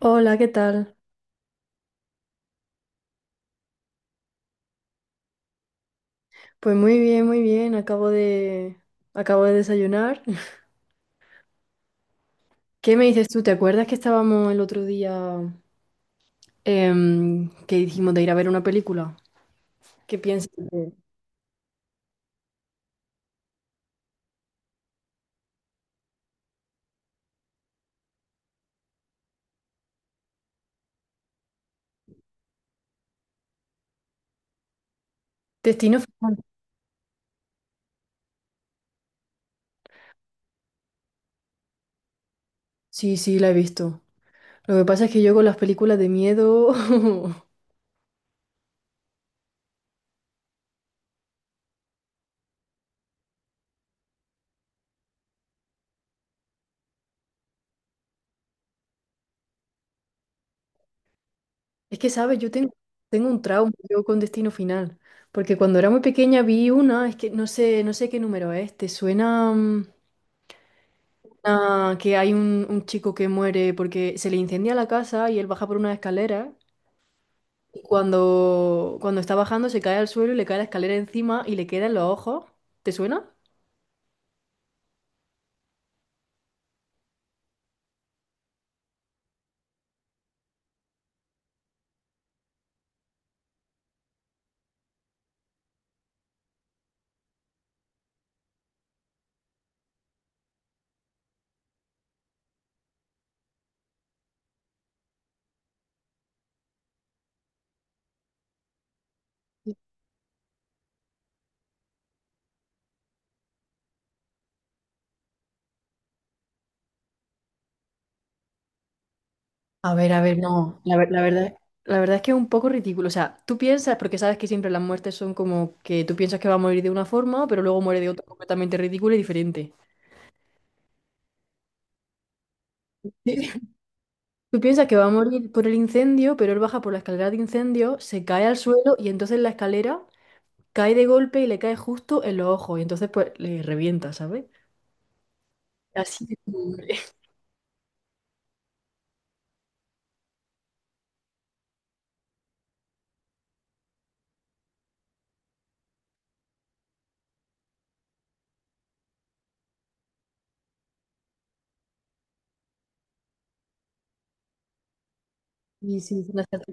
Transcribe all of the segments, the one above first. Hola, ¿qué tal? Pues muy bien, muy bien. Acabo de desayunar. ¿Qué me dices tú? ¿Te acuerdas que estábamos el otro día que dijimos de ir a ver una película? ¿Qué piensas? Destino Final. Sí, sí, la he visto. Lo que pasa es que yo con las películas de miedo, es que, ¿sabes? Tengo un trauma yo con Destino Final, porque cuando era muy pequeña vi una, es que no sé, no sé qué número es. ¿Te suena? Ah, que hay un chico que muere porque se le incendia la casa y él baja por una escalera y cuando está bajando se cae al suelo y le cae la escalera encima y le queda en los ojos. ¿Te suena? A ver, no, la, ver- la verdad. La verdad es que es un poco ridículo. O sea, tú piensas, porque sabes que siempre las muertes son como que tú piensas que va a morir de una forma, pero luego muere de otra completamente ridícula y diferente. Tú piensas que va a morir por el incendio, pero él baja por la escalera de incendio, se cae al suelo y entonces la escalera cae de golpe y le cae justo en los ojos y entonces pues le revienta, ¿sabes? Así de pobre. Y sí, fue una cerda.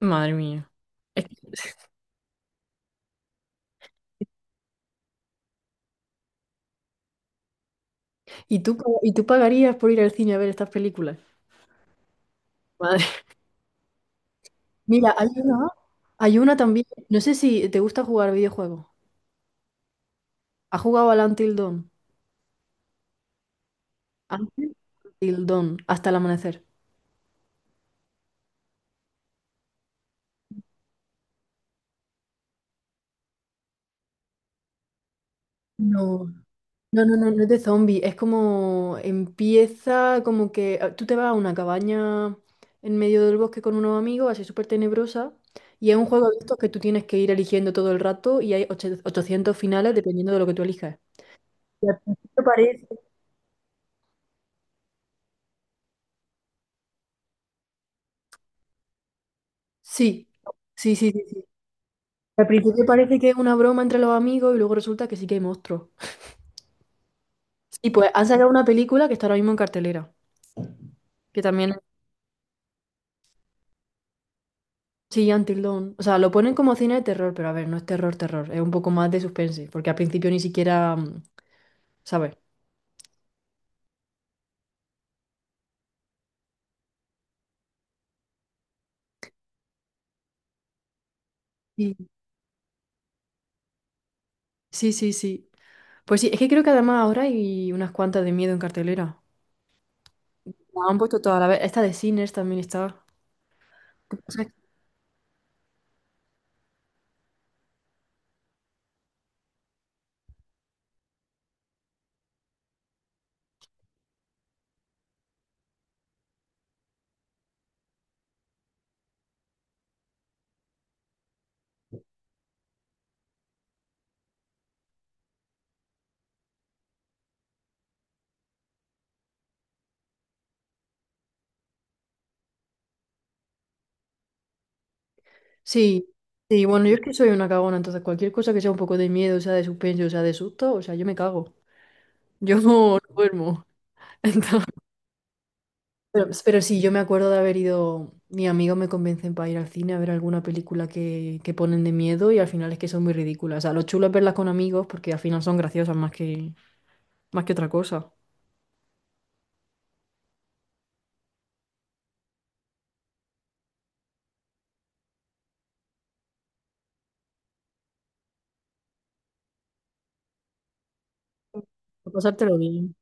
Madre mía. Es que- ¿Y tú, y tú pagarías por ir al cine a ver estas películas? Madre. Mira, hay una también. No sé si te gusta jugar videojuegos. ¿Has jugado al Until Dawn? Until Dawn, hasta el amanecer. No, no, no, no, no es de zombie, es como empieza como que ah, tú te vas a una cabaña en medio del bosque con unos amigos, así súper tenebrosa, y es un juego de estos que tú tienes que ir eligiendo todo el rato y hay 800 finales dependiendo de lo que tú elijas. Y al principio parece... Sí, sí, sí, sí, sí. Al principio parece que es una broma entre los amigos y luego resulta que sí que hay monstruos. Sí, pues han sacado una película que está ahora mismo en cartelera, que también sí, Until Dawn. O sea, lo ponen como cine de terror, pero a ver, no es terror, terror. Es un poco más de suspense, porque al principio ni siquiera, ¿sabes? Sí, sí, sí, sí. Pues sí, es que creo que además ahora hay unas cuantas de miedo en cartelera. La han puesto toda la vez. Esta de Sinners también está. ¿Qué pasa? Sí, sí, bueno, yo es que soy una cagona, entonces cualquier cosa que sea un poco de miedo, sea de suspense, o sea de susto, o sea, yo me cago. Yo no duermo. Entonces, pero sí, yo me acuerdo de haber ido, mis amigos me convencen para ir al cine a ver alguna película que ponen de miedo y al final es que son muy ridículas. O sea, lo chulo es verlas con amigos porque al final son graciosas más que otra cosa. Por Pasártelo bien.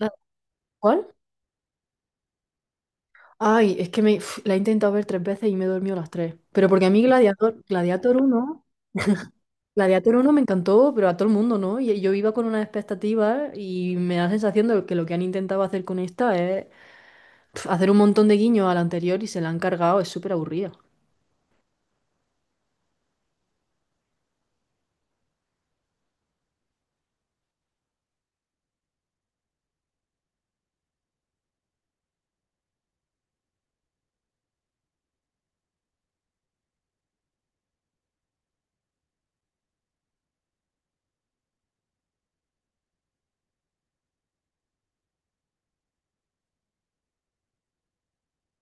Ah, ¿cuál? Ay, es que me, uf, la he intentado ver tres veces y me he dormido las tres. Pero porque a mí Gladiator uno. Gladiator uno me encantó, pero a todo el mundo, ¿no? Y yo iba con unas expectativas y me da la sensación de que lo que han intentado hacer con esta es pf, hacer un montón de guiños a la anterior y se la han cargado, es súper aburrida.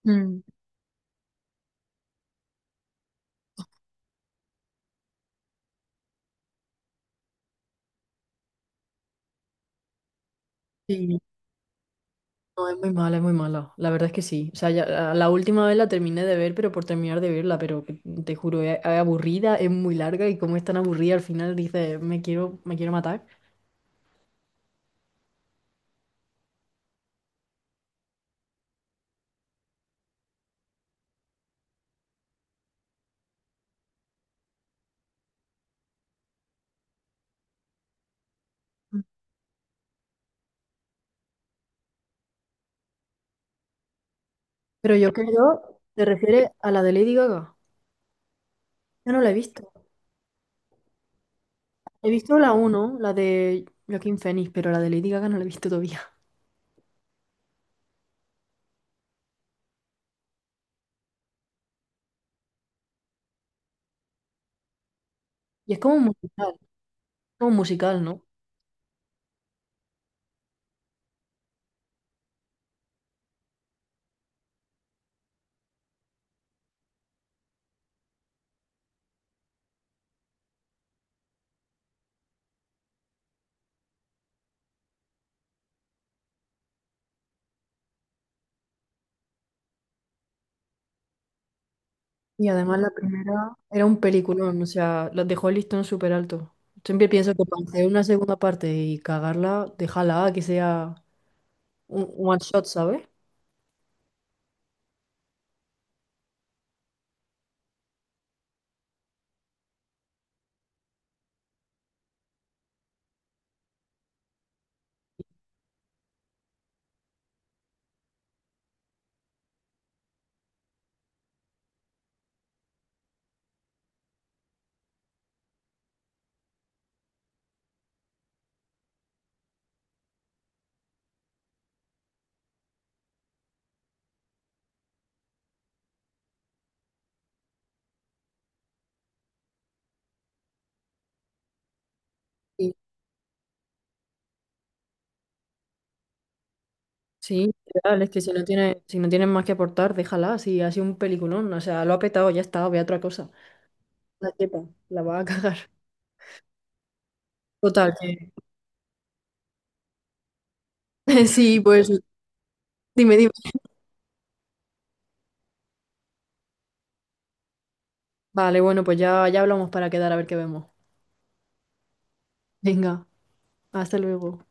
Mm. Sí. No, es muy mala, es muy mala. La verdad es que sí. O sea, la última vez la terminé de ver, pero por terminar de verla, pero te juro, es aburrida, es muy larga y como es tan aburrida al final dices, me quiero matar. Pero yo creo, ¿te refieres a la de Lady Gaga? Yo no la he visto. He visto la uno, la de Joaquín Phoenix, pero la de Lady Gaga no la he visto todavía. Y es como un musical, ¿no? Y además la primera era un peliculón, o sea, la dejó el listón súper alto. Siempre pienso que para hacer una segunda parte y cagarla, déjala que sea un one shot, ¿sabes? Sí, sí, literal, es que si no tiene, si no tienes más que aportar, déjala, si ha sido un peliculón, o sea, lo ha petado, ya está, ve a otra cosa. La chepa, la va a cagar. Total, que... Sí, pues dime, dime. Vale, bueno, pues ya, ya hablamos para quedar a ver qué vemos. Venga, hasta luego.